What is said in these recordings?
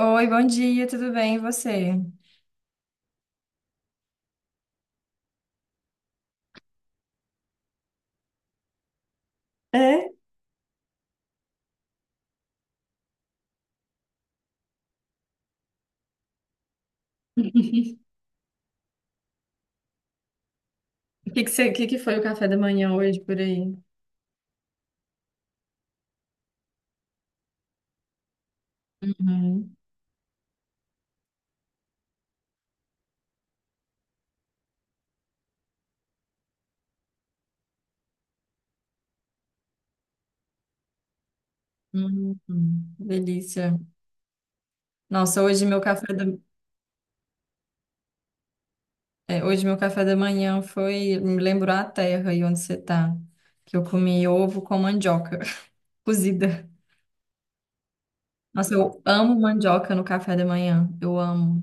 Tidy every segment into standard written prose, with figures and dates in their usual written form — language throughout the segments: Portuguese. Oi, bom dia, tudo bem? E você? É? O que que foi o café da manhã hoje por aí? Uhum. Uhum. Delícia. Nossa, hoje meu café da manhã foi, me lembrou a terra e onde você tá, que eu comi ovo com mandioca cozida. Nossa, eu amo mandioca no café da manhã. Eu amo.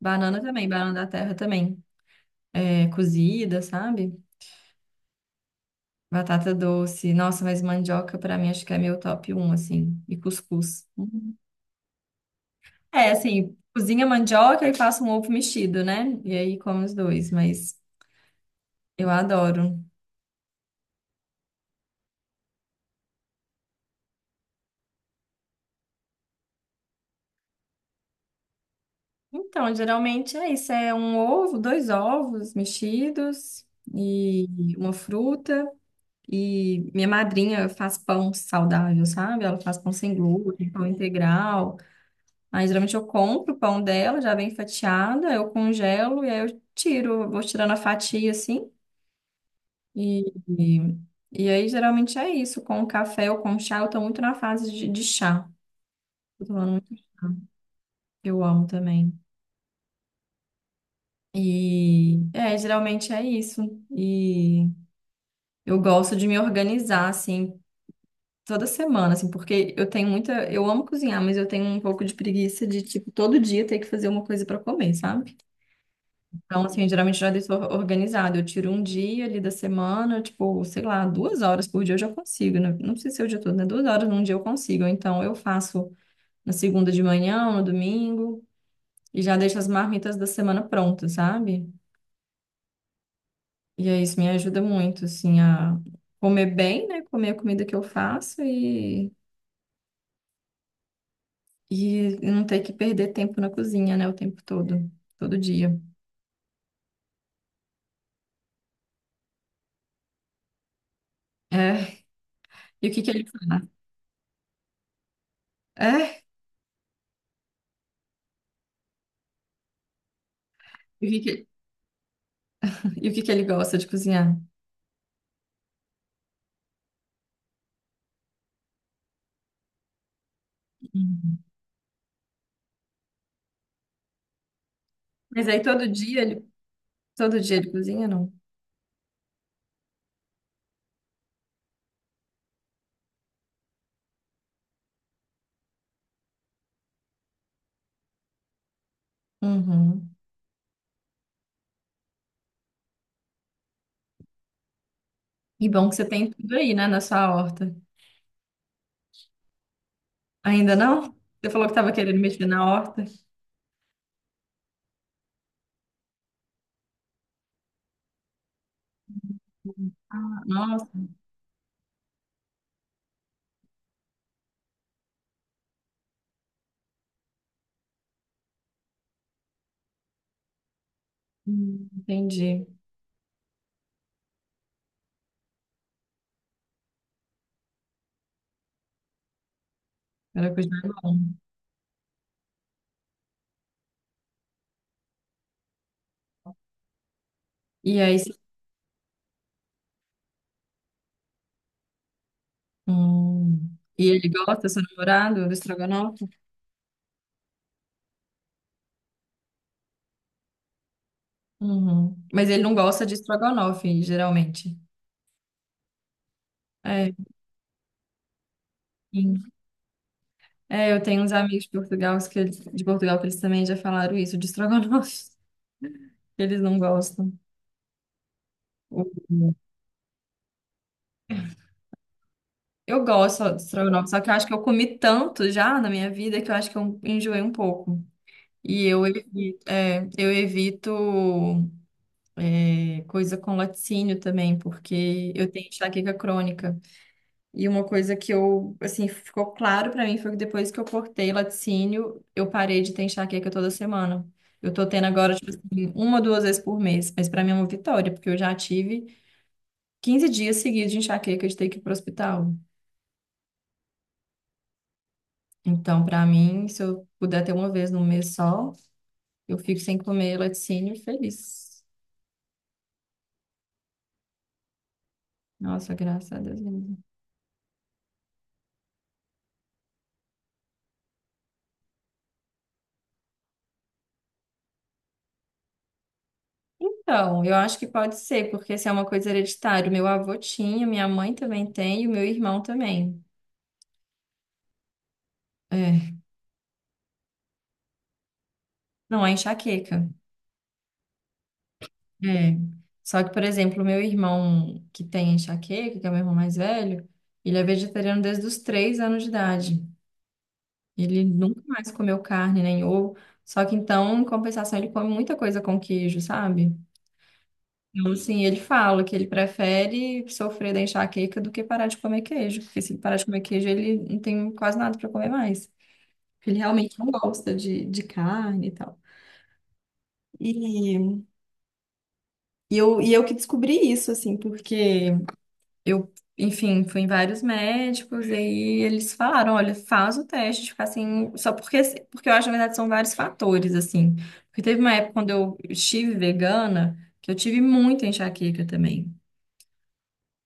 Banana também, banana da terra também. É, cozida, sabe? Batata doce. Nossa, mas mandioca pra mim acho que é meu top um assim. E cuscuz. Uhum. É, assim, cozinha mandioca e faço um ovo mexido, né? E aí como os dois, mas eu adoro. Então, geralmente é isso, é um ovo, dois ovos mexidos e uma fruta. E minha madrinha faz pão saudável, sabe? Ela faz pão sem glúten, pão integral. Aí geralmente eu compro o pão dela, já bem fatiada, eu congelo e aí eu tiro, vou tirando a fatia assim. E, e, Aí geralmente é isso, com o café ou com chá, eu tô muito na fase de chá. Tô tomando muito chá, que eu amo também. E é, geralmente é isso. E eu gosto de me organizar assim toda semana, assim, porque eu amo cozinhar, mas eu tenho um pouco de preguiça de tipo todo dia ter que fazer uma coisa pra comer, sabe? Então, assim, geralmente já deixo organizado. Eu tiro um dia ali da semana, tipo, sei lá, 2 horas por dia eu já consigo, né? Não precisa ser o dia todo, né? 2 horas num dia eu consigo. Ou então, eu faço na segunda de manhã, no domingo, e já deixo as marmitas da semana prontas, sabe? E aí, isso me ajuda muito, assim, a comer bem, né? Comer a comida que eu faço e não ter que perder tempo na cozinha, né? O tempo todo, todo dia. É. E o que que ele faz? É. E o que que, e o que que ele gosta de cozinhar? Mas aí todo dia ele cozinha, não? Uhum. E bom que você tem tudo aí, né, na sua horta. Ainda não? Você falou que estava querendo mexer na horta. Nossa, entendi. Maracujá é bom. E aí, você- hum. E ele gosta, seu namorado, do estrogonofe? Uhum. Mas ele não gosta de estrogonofe, geralmente. É, sim. É, eu tenho uns amigos de Portugal que eles, também já falaram isso de estrogonofe. Que eles não gostam. Eu gosto de estrogonofe, só que eu acho que eu comi tanto já na minha vida que eu acho que eu enjoei um pouco. E eu evito coisa com laticínio também, porque eu tenho enxaqueca crônica. E uma coisa que eu, assim, ficou claro pra mim foi que depois que eu cortei laticínio, eu parei de ter enxaqueca toda semana. Eu tô tendo agora, tipo assim, 1, 2 vezes por mês. Mas pra mim é uma vitória, porque eu já tive 15 dias seguidos de enxaqueca de ter que ir pro hospital. Então, para mim, se eu puder ter 1 vez no mês só, eu fico sem comer laticínio feliz. Nossa, graças a Deus mesmo. Então, eu acho que pode ser, porque se é uma coisa hereditária, meu avô tinha, minha mãe também tem e o meu irmão também. É. Não, é enxaqueca. É. Só que, por exemplo, o meu irmão que tem enxaqueca, que é o meu irmão mais velho, ele é vegetariano desde os 3 anos de idade. Ele nunca mais comeu carne nem ovo. Só que então, em compensação, ele come muita coisa com queijo, sabe? Então, sim, ele fala que ele prefere sofrer da enxaqueca do que parar de comer queijo, porque se ele parar de comer queijo, ele não tem quase nada para comer mais. Ele realmente não gosta de carne e tal. E, e eu que descobri isso, assim, porque eu, enfim, fui em vários médicos, e aí eles falaram, olha, faz o teste de ficar assim, porque eu acho, na verdade, são vários fatores, assim. Porque teve uma época quando eu estive vegana, que eu tive muita enxaqueca também.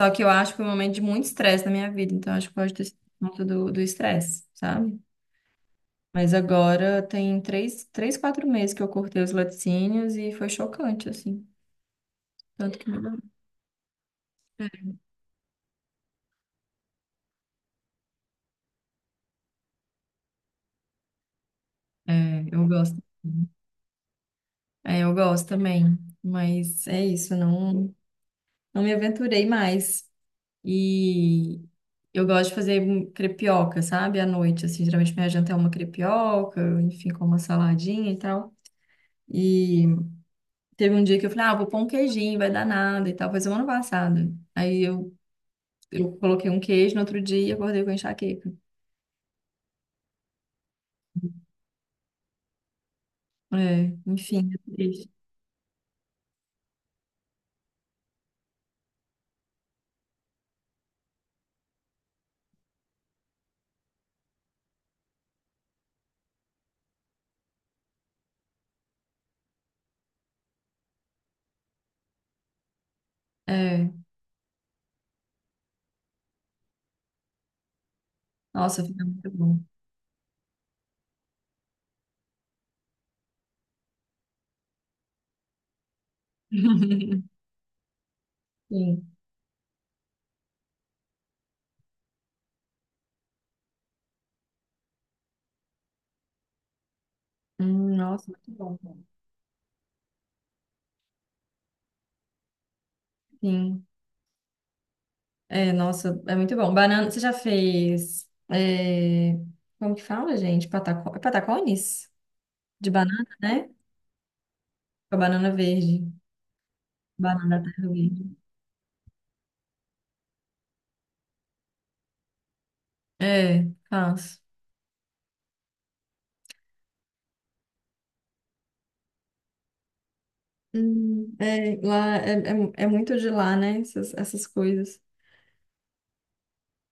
Só que eu acho que foi um momento de muito estresse na minha vida, então acho que pode ter sido por conta do estresse, sabe? Mas agora tem 3, 3, 4 meses que eu cortei os laticínios e foi chocante, assim. Tanto que mudou. É, eu gosto. É, eu gosto também. Mas é isso, não, não me aventurei mais. E eu gosto de fazer um crepioca, sabe? À noite, assim, geralmente minha janta é uma crepioca, enfim, com uma saladinha e tal. E teve um dia que eu falei, ah, vou pôr um queijinho, vai dar nada e tal. Foi semana passada. Aí eu coloquei um queijo no outro dia e acordei com enxaqueca. É, enfim, é triste. É, nossa, fica muito bom. Sim. Nossa, muito bom. Sim. É, nossa, é muito bom. Banana, você já fez. É, como que fala, gente? É patacones? De banana, né? Com a banana verde. Banana da terra verde. É, faço. É, lá é muito de lá, né? Essas coisas.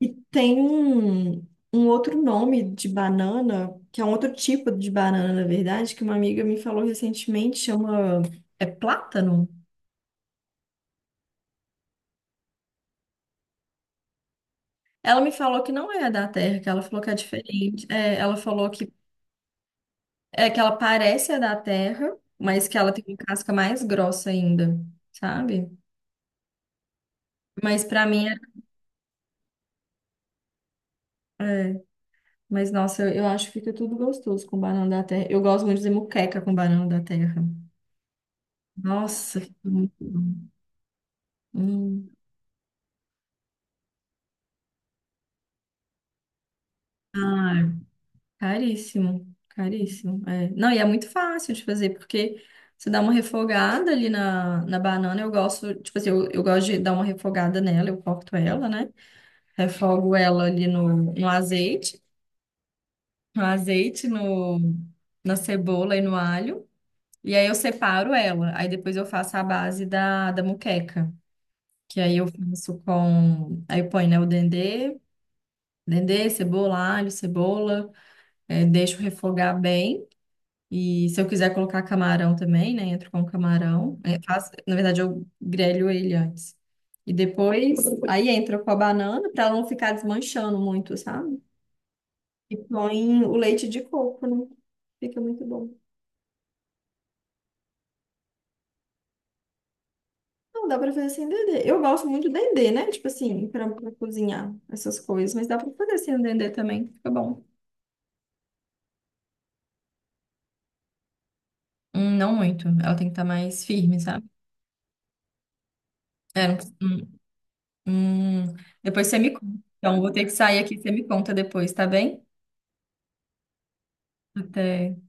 E tem um outro nome de banana, que é um outro tipo de banana, na verdade, que uma amiga me falou recentemente, chama... É plátano? Ela me falou que não é da terra, que ela falou que é diferente. É, ela falou que é que ela parece a da terra, mas que ela tem uma casca mais grossa ainda, sabe? Mas pra mim é. É, mas, nossa, eu acho que fica tudo gostoso com banana da terra. Eu gosto muito de fazer moqueca com banana da terra. Nossa, fica muito bom. Hum. Ah, caríssimo, caríssimo. Não, e é muito fácil de fazer, porque você dá uma refogada ali na banana. Eu gosto, tipo assim, eu gosto de dar uma refogada nela, eu corto ela, né? Refogo ela ali no azeite, no azeite, no, na cebola e no alho. E aí eu separo ela. Aí depois eu faço a base da moqueca. Que aí eu faço com. Aí eu ponho, né, o dendê, cebola, alho, cebola, deixo refogar bem. E se eu quiser colocar camarão também, né, entro com camarão. Na verdade, eu grelho ele antes. E depois, aí entra com a banana, para não ficar desmanchando muito, sabe? E põe o leite de coco, né? Fica muito bom. Não, dá pra fazer sem dendê. Eu gosto muito do dendê, né? Tipo assim, pra cozinhar essas coisas, mas dá pra fazer sem o dendê também, fica bom. Não muito. Ela tem que estar mais firme, sabe? É, hum. Depois você me conta. Então, vou ter que sair aqui, você me conta depois, tá bem? Até.